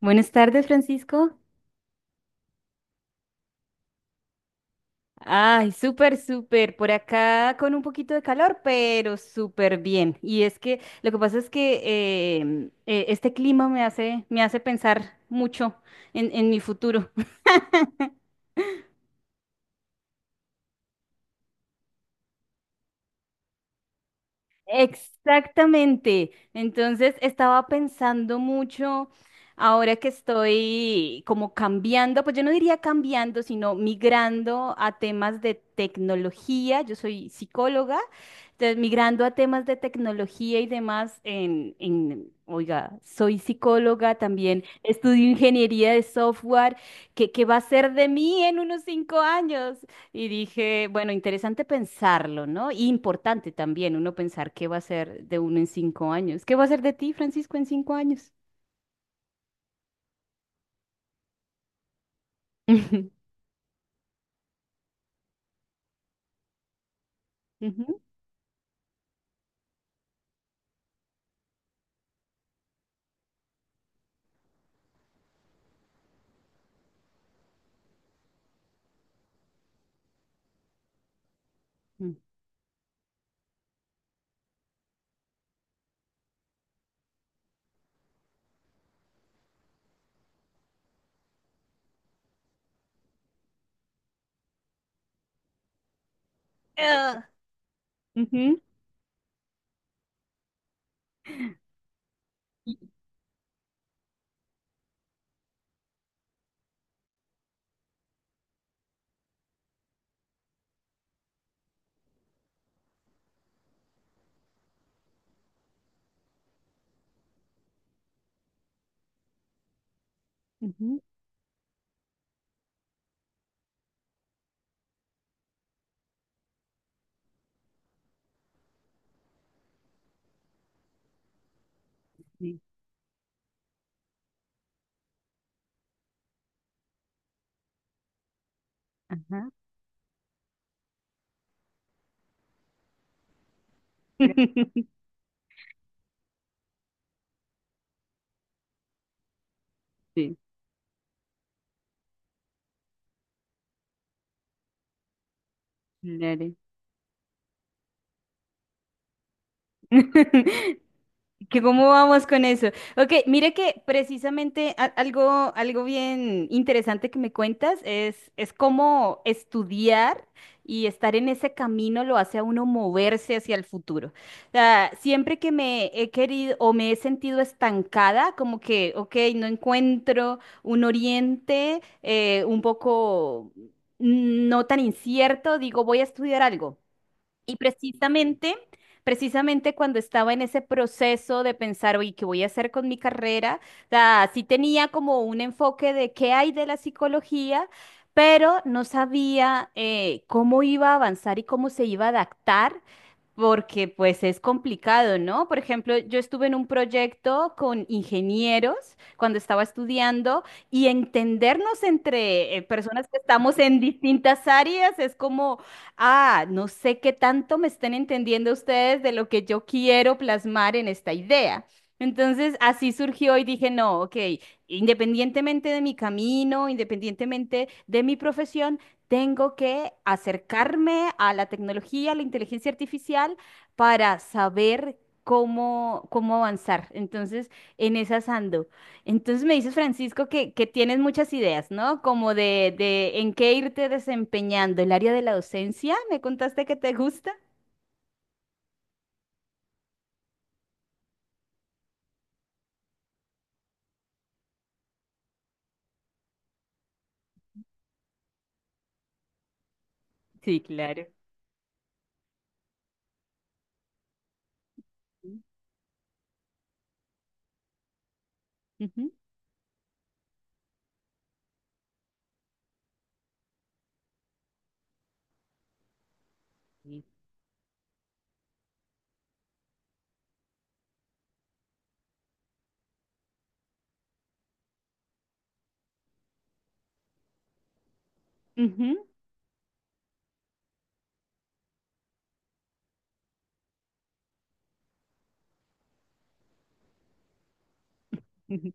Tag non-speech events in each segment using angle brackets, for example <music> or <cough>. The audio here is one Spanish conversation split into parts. Buenas tardes, Francisco. Ay, súper, súper. Por acá con un poquito de calor, pero súper bien. Y es que lo que pasa es que este clima me hace pensar mucho en mi futuro. <laughs> Exactamente. Entonces estaba pensando mucho ahora que estoy como cambiando, pues yo no diría cambiando, sino migrando a temas de tecnología. Yo soy psicóloga, entonces migrando a temas de tecnología y demás oiga, soy psicóloga también, estudio ingeniería de software. ¿Qué, qué va a ser de mí en unos 5 años? Y dije, bueno, interesante pensarlo, ¿no? Y importante también uno pensar qué va a ser de uno en 5 años. ¿Qué va a ser de ti, Francisco, en 5 años? <laughs> Ujú, ujú. Ah, ujú, ujú, sí, ajá. <laughs> Sí, claro. <laughs> ¿Que cómo vamos con eso? Ok, mire que precisamente algo, algo bien interesante que me cuentas es cómo estudiar y estar en ese camino lo hace a uno moverse hacia el futuro. O sea, siempre que me he querido o me he sentido estancada, como que, ok, no encuentro un oriente un poco no tan incierto, digo, voy a estudiar algo. Y precisamente, precisamente cuando estaba en ese proceso de pensar, oye, ¿qué voy a hacer con mi carrera? O sea, sí tenía como un enfoque de qué hay de la psicología, pero no sabía cómo iba a avanzar y cómo se iba a adaptar porque pues es complicado, ¿no? Por ejemplo, yo estuve en un proyecto con ingenieros cuando estaba estudiando y entendernos entre personas que estamos en distintas áreas es como, ah, no sé qué tanto me estén entendiendo ustedes de lo que yo quiero plasmar en esta idea. Entonces, así surgió y dije, no, ok, independientemente de mi camino, independientemente de mi profesión, tengo que acercarme a la tecnología, a la inteligencia artificial, para saber cómo, cómo avanzar. Entonces, en esas ando. Entonces me dices, Francisco, que tienes muchas ideas, ¿no? Como de en qué irte desempeñando. El área de la docencia, ¿me contaste que te gusta? Sí, claro. Ujú. Ujú, ujú.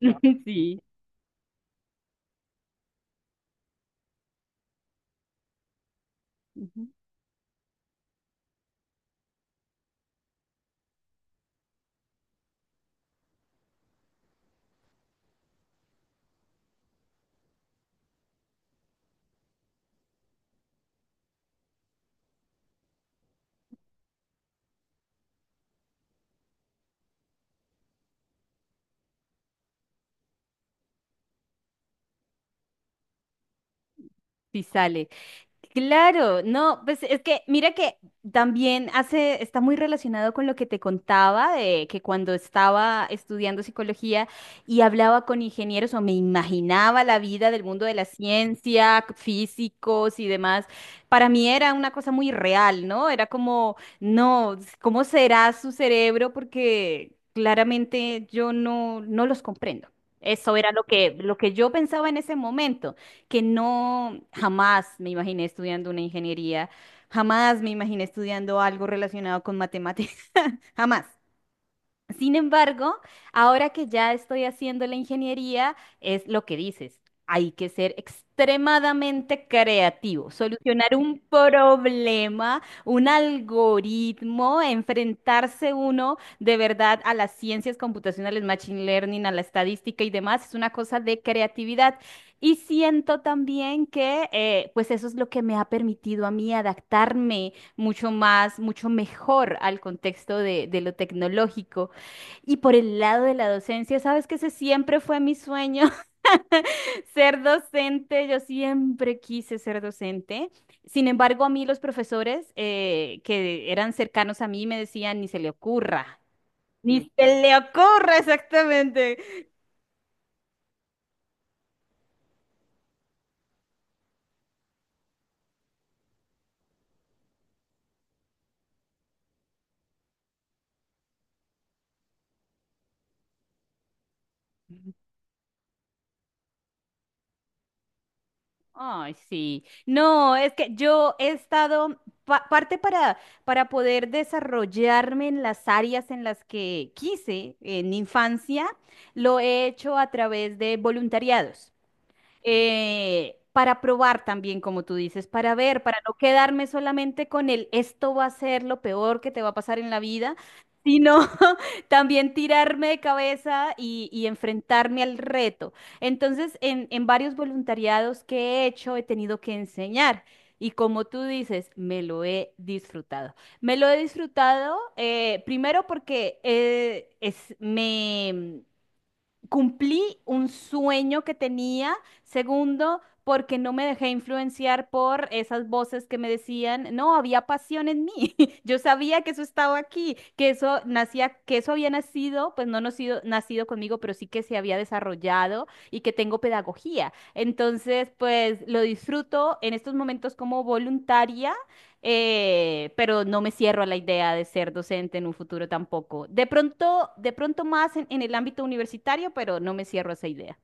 <laughs> Sí. Ujú. Sí sale. Claro, no, pues es que mira que también hace, está muy relacionado con lo que te contaba de que cuando estaba estudiando psicología y hablaba con ingenieros o me imaginaba la vida del mundo de la ciencia, físicos y demás, para mí era una cosa muy real, ¿no? Era como, no, ¿cómo será su cerebro? Porque claramente yo no, no los comprendo. Eso era lo que yo pensaba en ese momento que no jamás me imaginé estudiando una ingeniería, jamás me imaginé estudiando algo relacionado con matemáticas, <laughs> jamás. Sin embargo, ahora que ya estoy haciendo la ingeniería, es lo que dices. Hay que ser extremadamente creativo, solucionar un problema, un algoritmo, enfrentarse uno de verdad a las ciencias computacionales, machine learning, a la estadística y demás, es una cosa de creatividad. Y siento también que pues eso es lo que me ha permitido a mí adaptarme mucho más, mucho mejor al contexto de lo tecnológico. Y por el lado de la docencia, sabes que ese siempre fue mi sueño, <laughs> ser docente. Yo siempre quise ser docente. Sin embargo, a mí los profesores que eran cercanos a mí me decían, ni se le ocurra. Mm, ni se le ocurra exactamente. Ay, sí. No, es que yo he estado parte para poder desarrollarme en las áreas en las que quise en infancia, lo he hecho a través de voluntariados. Eh, para probar también, como tú dices, para ver, para no quedarme solamente con el esto va a ser lo peor que te va a pasar en la vida, sino <laughs> también tirarme de cabeza y enfrentarme al reto. Entonces, en varios voluntariados que he hecho, he tenido que enseñar. Y como tú dices, me lo he disfrutado. Me lo he disfrutado primero porque es, me, cumplí un sueño que tenía. Segundo, porque no me dejé influenciar por esas voces que me decían, no, había pasión en mí. <laughs> Yo sabía que eso estaba aquí, que eso nacía, que eso había nacido, pues no nacido, nacido conmigo, pero sí que se había desarrollado y que tengo pedagogía. Entonces, pues lo disfruto en estos momentos como voluntaria pero no me cierro a la idea de ser docente en un futuro tampoco. De pronto más en el ámbito universitario, pero no me cierro a esa idea.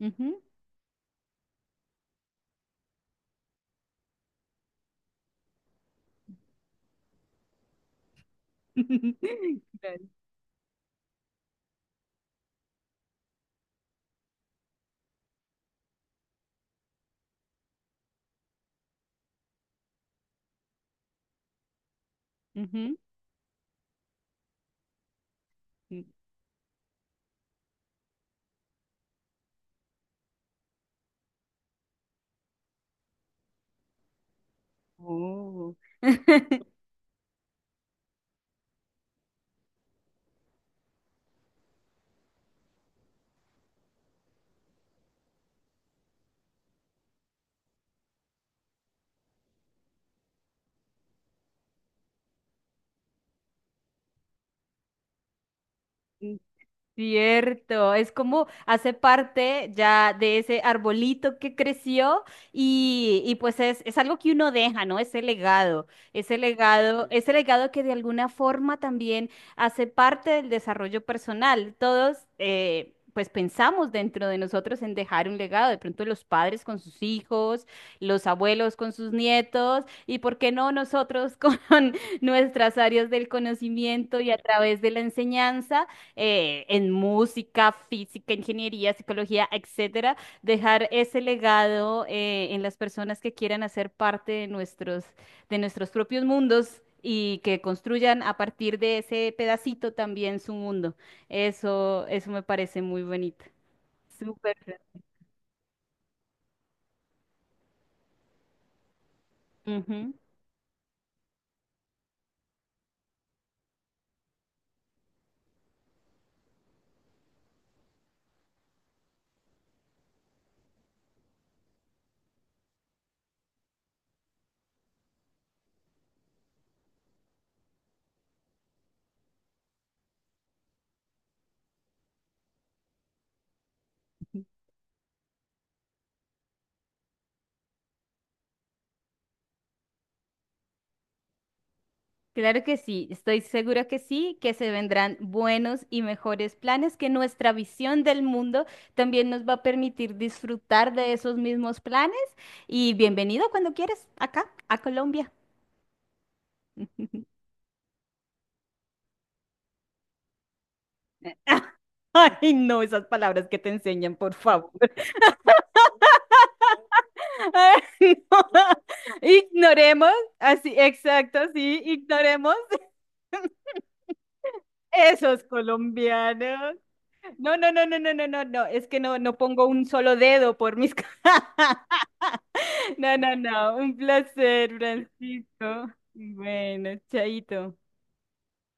Ujú. <laughs> Claro. Ujú. Mm. Oh. Cierto, es como hace parte ya de ese arbolito que creció y pues es algo que uno deja, ¿no? Ese legado, ese legado, ese legado que de alguna forma también hace parte del desarrollo personal. Todos, pues pensamos dentro de nosotros en dejar un legado, de pronto los padres con sus hijos, los abuelos con sus nietos y, ¿por qué no nosotros con <laughs> nuestras áreas del conocimiento y a través de la enseñanza? Eh, en música, física, ingeniería, psicología, etcétera, dejar ese legado en las personas que quieran hacer parte de nuestros propios mundos y que construyan a partir de ese pedacito también su mundo. Eso me parece muy bonito. Súper. Ujú. Claro que sí, estoy segura que sí, que se vendrán buenos y mejores planes, que nuestra visión del mundo también nos va a permitir disfrutar de esos mismos planes. Y bienvenido cuando quieras, acá, a Colombia. <laughs> Ay, no, esas palabras que te enseñan, por favor. <laughs> Ay, no. Ignoremos, así, exacto, sí, ignoremos esos colombianos. No, no, no, no, no, no, no, no, es que no, no pongo un solo dedo por mis... <laughs> <laughs> No, no, no. Un placer, Francisco. Bueno, chaito.